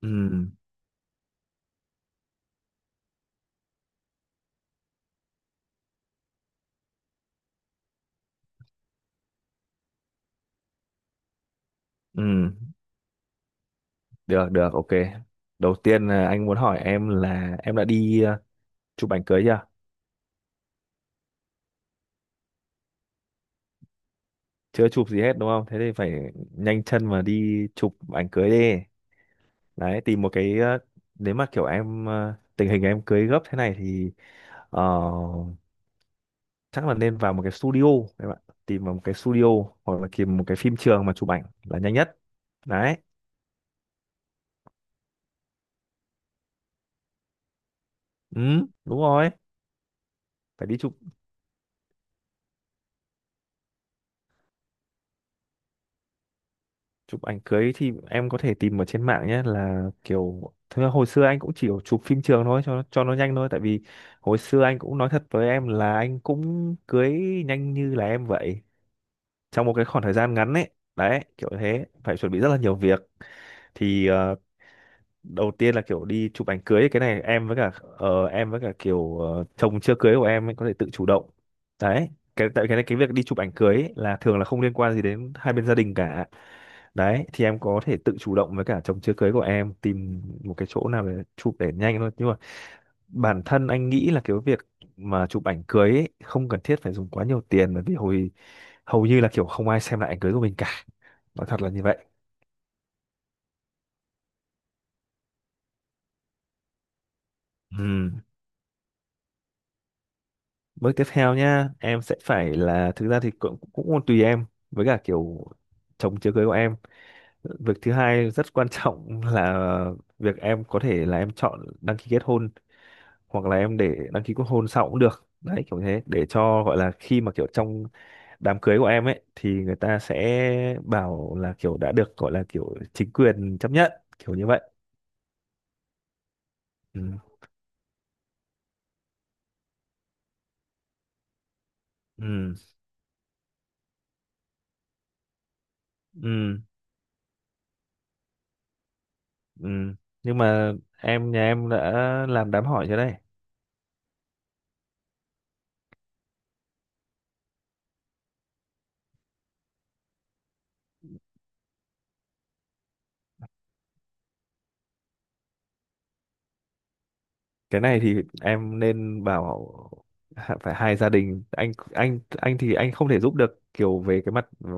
Ừ, ừ, được, được, ok. Đầu tiên là anh muốn hỏi em là em đã đi chụp ảnh cưới chưa? Chưa chụp gì hết đúng không? Thế thì phải nhanh chân mà đi chụp ảnh cưới đi. Đấy, tìm một cái, nếu mà kiểu em, tình hình em cưới gấp thế này thì ờ, chắc là nên vào một cái studio, các bạn. Tìm vào một cái studio hoặc là tìm một cái phim trường mà chụp ảnh là nhanh nhất. Đấy, ừ, đúng rồi. Phải đi chụp, chụp ảnh cưới thì em có thể tìm ở trên mạng nhé, là kiểu thực ra hồi xưa anh cũng chỉ chụp phim trường thôi cho nó nhanh thôi, tại vì hồi xưa anh cũng nói thật với em là anh cũng cưới nhanh như là em vậy, trong một cái khoảng thời gian ngắn ấy. Đấy kiểu thế phải chuẩn bị rất là nhiều việc, thì đầu tiên là kiểu đi chụp ảnh cưới ấy, cái này em với cả em với cả kiểu chồng chưa cưới của em ấy có thể tự chủ động. Đấy, cái tại cái này, cái việc đi chụp ảnh cưới ấy là thường là không liên quan gì đến hai bên gia đình cả. Đấy thì em có thể tự chủ động với cả chồng chưa cưới của em tìm một cái chỗ nào để chụp để nhanh thôi, nhưng mà bản thân anh nghĩ là cái việc mà chụp ảnh cưới ấy, không cần thiết phải dùng quá nhiều tiền, bởi vì hầu như là kiểu không ai xem lại ảnh cưới của mình cả, nói thật là như vậy. Ừ. Bước tiếp theo nhá, em sẽ phải là thực ra thì cũng cũng còn tùy em với cả kiểu chồng chưa cưới của em. Việc thứ hai rất quan trọng là việc em có thể là em chọn đăng ký kết hôn hoặc là em để đăng ký kết hôn sau cũng được. Đấy kiểu thế để cho gọi là khi mà kiểu trong đám cưới của em ấy thì người ta sẽ bảo là kiểu đã được gọi là kiểu chính quyền chấp nhận, kiểu như vậy. Ừ. Ừ. Ừ. Ừ. Nhưng mà nhà em đã làm đám hỏi chưa đây? Cái này thì em nên bảo, phải hai gia đình, anh thì anh không thể giúp được kiểu về cái mặt ừ,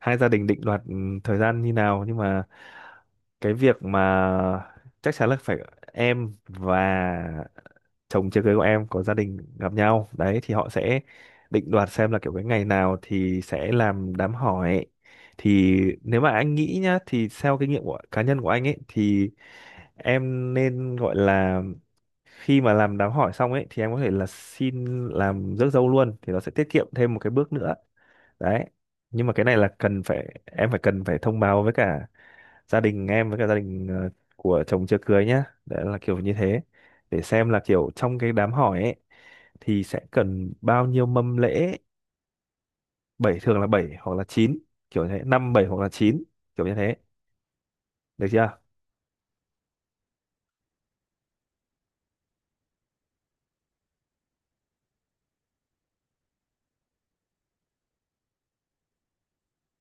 hai gia đình định đoạt ừ, thời gian như nào, nhưng mà cái việc mà chắc chắn là phải em và chồng chưa cưới của em có gia đình gặp nhau, đấy thì họ sẽ định đoạt xem là kiểu cái ngày nào thì sẽ làm đám hỏi. Thì nếu mà anh nghĩ nhá, thì theo kinh nghiệm của cá nhân của anh ấy thì em nên gọi là khi mà làm đám hỏi xong ấy thì em có thể là xin làm rước dâu luôn thì nó sẽ tiết kiệm thêm một cái bước nữa. Đấy nhưng mà cái này là cần phải em phải cần phải thông báo với cả gia đình em với cả gia đình của chồng chưa cưới nhá, đấy là kiểu như thế, để xem là kiểu trong cái đám hỏi ấy thì sẽ cần bao nhiêu mâm lễ. Bảy, thường là bảy hoặc là chín, kiểu như thế, năm bảy hoặc là chín, kiểu như thế, được chưa?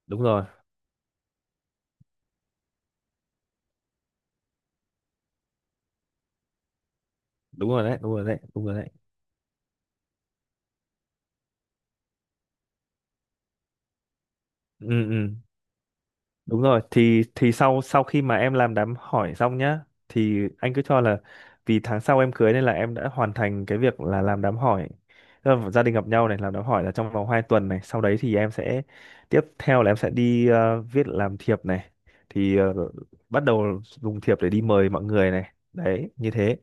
Đúng rồi, đúng rồi đấy, đúng rồi đấy, đúng rồi đấy. Ừ, ừ. Đúng rồi, thì sau sau khi mà em làm đám hỏi xong nhá, thì anh cứ cho là vì tháng sau em cưới nên là em đã hoàn thành cái việc là làm đám hỏi. Tức là gia đình gặp nhau này, làm đám hỏi là trong vòng 2 tuần này, sau đấy thì em sẽ, tiếp theo là em sẽ đi viết làm thiệp này. Thì bắt đầu dùng thiệp để đi mời mọi người này. Đấy, như thế.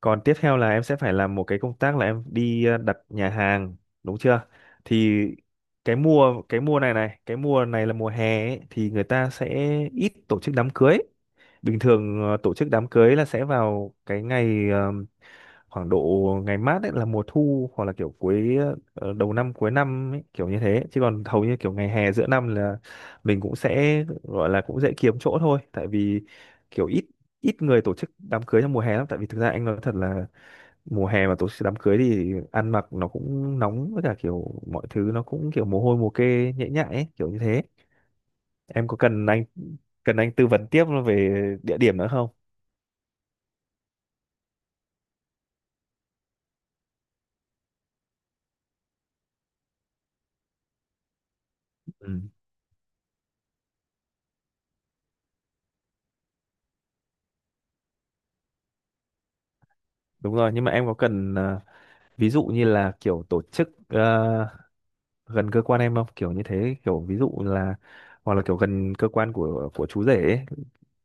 Còn tiếp theo là em sẽ phải làm một cái công tác là em đi đặt nhà hàng, đúng chưa? Thì cái mùa này này, cái mùa này là mùa hè ấy, thì người ta sẽ ít tổ chức đám cưới. Bình thường tổ chức đám cưới là sẽ vào cái ngày khoảng độ ngày mát ấy là mùa thu hoặc là kiểu cuối, đầu năm cuối năm ấy, kiểu như thế. Chứ còn hầu như kiểu ngày hè giữa năm là mình cũng sẽ gọi là cũng dễ kiếm chỗ thôi, tại vì kiểu ít ít người tổ chức đám cưới trong mùa hè lắm, tại vì thực ra anh nói thật là mùa hè mà tổ chức đám cưới thì ăn mặc nó cũng nóng với cả kiểu mọi thứ nó cũng kiểu mồ hôi mồ kê nhễ nhại ấy, kiểu như thế. Em có cần anh, cần anh tư vấn tiếp về địa điểm nữa không? Ừ, đúng rồi, nhưng mà em có cần ví dụ như là kiểu tổ chức gần cơ quan em không, kiểu như thế, kiểu ví dụ là hoặc là kiểu gần cơ quan của chú rể ấy.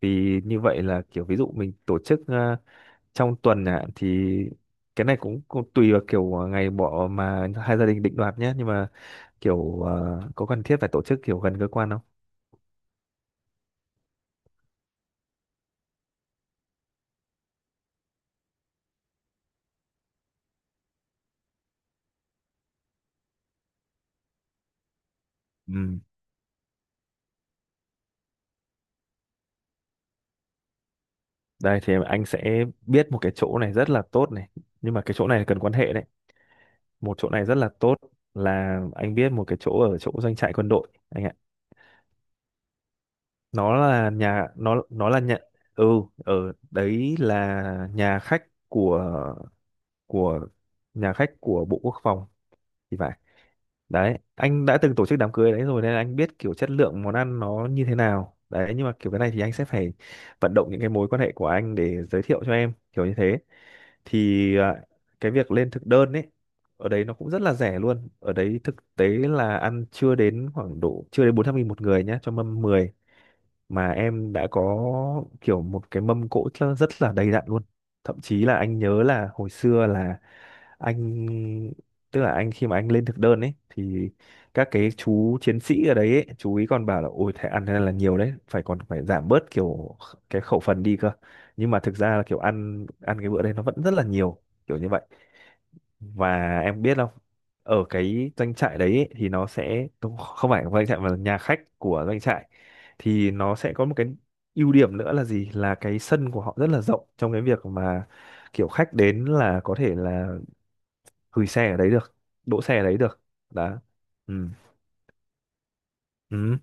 Thì như vậy là kiểu ví dụ mình tổ chức trong tuần ạ thì cái này cũng tùy vào kiểu ngày bỏ mà hai gia đình định đoạt nhé, nhưng mà kiểu có cần thiết phải tổ chức kiểu gần cơ quan không? Ừ. Đây thì anh sẽ biết một cái chỗ này rất là tốt này, nhưng mà cái chỗ này cần quan hệ đấy, một chỗ này rất là tốt, là anh biết một cái chỗ ở chỗ doanh trại quân đội anh ạ. Nó là nhà ừ, ở đấy là nhà khách của, nhà khách của Bộ Quốc phòng thì phải. Đấy anh đã từng tổ chức đám cưới đấy rồi nên anh biết kiểu chất lượng món ăn nó như thế nào, đấy nhưng mà kiểu cái này thì anh sẽ phải vận động những cái mối quan hệ của anh để giới thiệu cho em, kiểu như thế. Thì cái việc lên thực đơn ấy, ở đấy nó cũng rất là rẻ luôn, ở đấy thực tế là ăn chưa đến khoảng độ chưa đến 400.000 một người nhá, cho mâm 10 mà em đã có kiểu một cái mâm cỗ rất rất là đầy đặn luôn. Thậm chí là anh nhớ là hồi xưa là anh tức là anh, khi mà anh lên thực đơn ấy thì các cái chú chiến sĩ ở đấy ấy, chú ý còn bảo là ôi thế ăn thế này là nhiều đấy phải còn phải giảm bớt kiểu cái khẩu phần đi cơ, nhưng mà thực ra là kiểu ăn ăn cái bữa đấy nó vẫn rất là nhiều, kiểu như vậy. Và em biết không, ở cái doanh trại đấy ấy, thì nó sẽ không không phải doanh trại mà là nhà khách của doanh trại, thì nó sẽ có một cái ưu điểm nữa là gì, là cái sân của họ rất là rộng, trong cái việc mà kiểu khách đến là có thể là gửi xe ở đấy được, đỗ xe ở đấy được, đó. Ừ, ừ,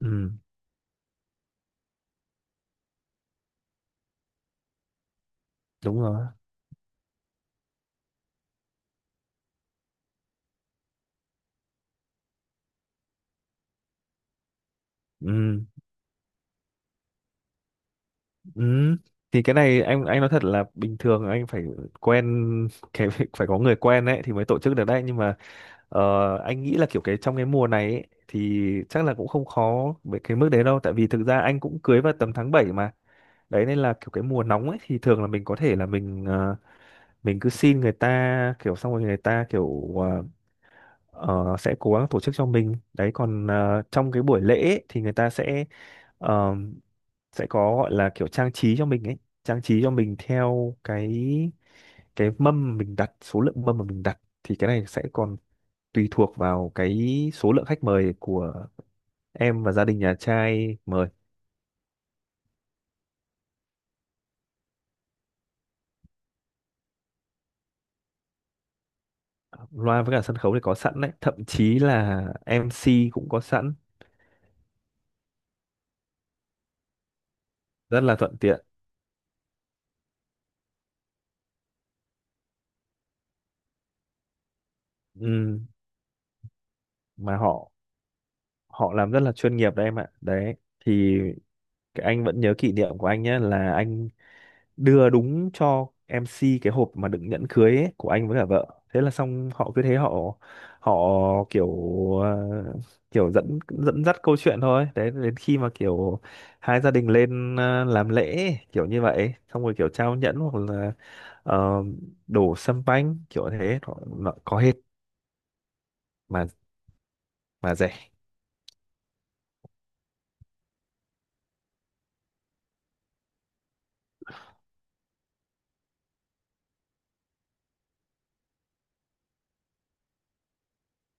ừ, đúng rồi, ừ, ừ, thì cái này anh nói thật là bình thường anh phải quen, cái phải có người quen đấy thì mới tổ chức được đấy, nhưng mà Ờ, anh nghĩ là kiểu cái trong cái mùa này ấy, thì chắc là cũng không khó với cái mức đấy đâu, tại vì thực ra anh cũng cưới vào tầm tháng 7 mà. Đấy nên là kiểu cái mùa nóng ấy thì thường là mình có thể là mình mình cứ xin người ta kiểu xong rồi người ta kiểu sẽ cố gắng tổ chức cho mình. Đấy còn trong cái buổi lễ ấy, thì người ta sẽ ờ, sẽ có gọi là kiểu trang trí cho mình ấy, trang trí cho mình theo cái mâm mình đặt, số lượng mâm mà mình đặt thì cái này sẽ còn tùy thuộc vào cái số lượng khách mời của em và gia đình nhà trai mời. Loa với cả sân khấu thì có sẵn đấy, thậm chí là em MC cũng có sẵn, rất là thuận tiện. Ừ. Mà họ, họ làm rất là chuyên nghiệp đấy em ạ. Đấy thì cái anh vẫn nhớ kỷ niệm của anh nhé là anh đưa đúng cho em MC cái hộp mà đựng nhẫn cưới ấy, của anh với cả vợ, thế là xong họ cứ thế họ, họ kiểu ờ, kiểu dẫn dẫn dắt câu chuyện thôi, đấy đến khi mà kiểu hai gia đình lên làm lễ ấy, kiểu như vậy xong rồi kiểu trao nhẫn hoặc là ờ, đổ sâm banh kiểu thế nó có hết, mà mà rẻ.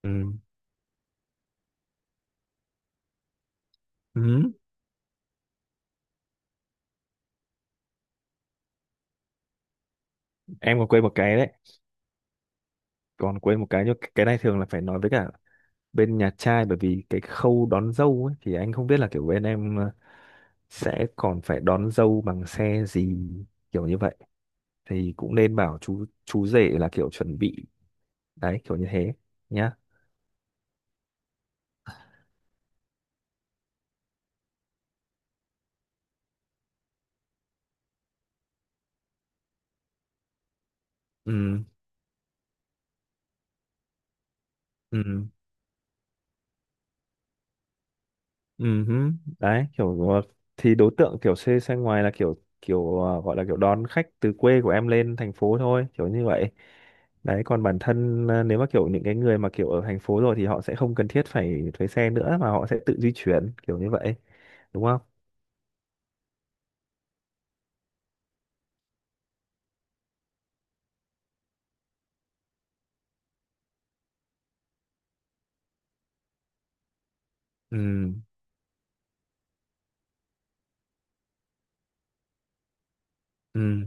Ừ. Ừ. Em còn quên một cái đấy, còn quên một cái, nhưng cái này thường là phải nói với cả bên nhà trai, bởi vì cái khâu đón dâu ấy, thì anh không biết là kiểu bên em sẽ còn phải đón dâu bằng xe gì, kiểu như vậy, thì cũng nên bảo chú rể là kiểu chuẩn bị, đấy kiểu như thế nhá. Ừ, ừ, ừ hứ. Đấy kiểu thì đối tượng kiểu xe xe ngoài là kiểu kiểu ờ, gọi là kiểu đón khách từ quê của em lên thành phố thôi, kiểu như vậy. Đấy còn bản thân nếu mà kiểu những cái người mà kiểu ở thành phố rồi thì họ sẽ không cần thiết phải thuê xe nữa mà họ sẽ tự di chuyển, kiểu như vậy, đúng không? Ừ, ừ,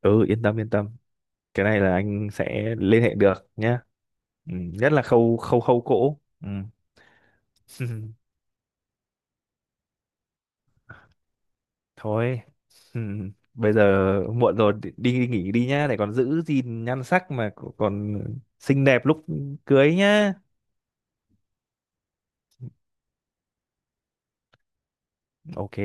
ừ, yên tâm, yên tâm, cái này là anh sẽ liên hệ được nhé. Ừ, nhất là khâu khâu khâu cỗ. Ừ. Thôi ừ, bây giờ muộn rồi, đi, đi nghỉ đi nhá, để còn giữ gìn nhan sắc mà còn xinh đẹp lúc cưới nhá. Ok.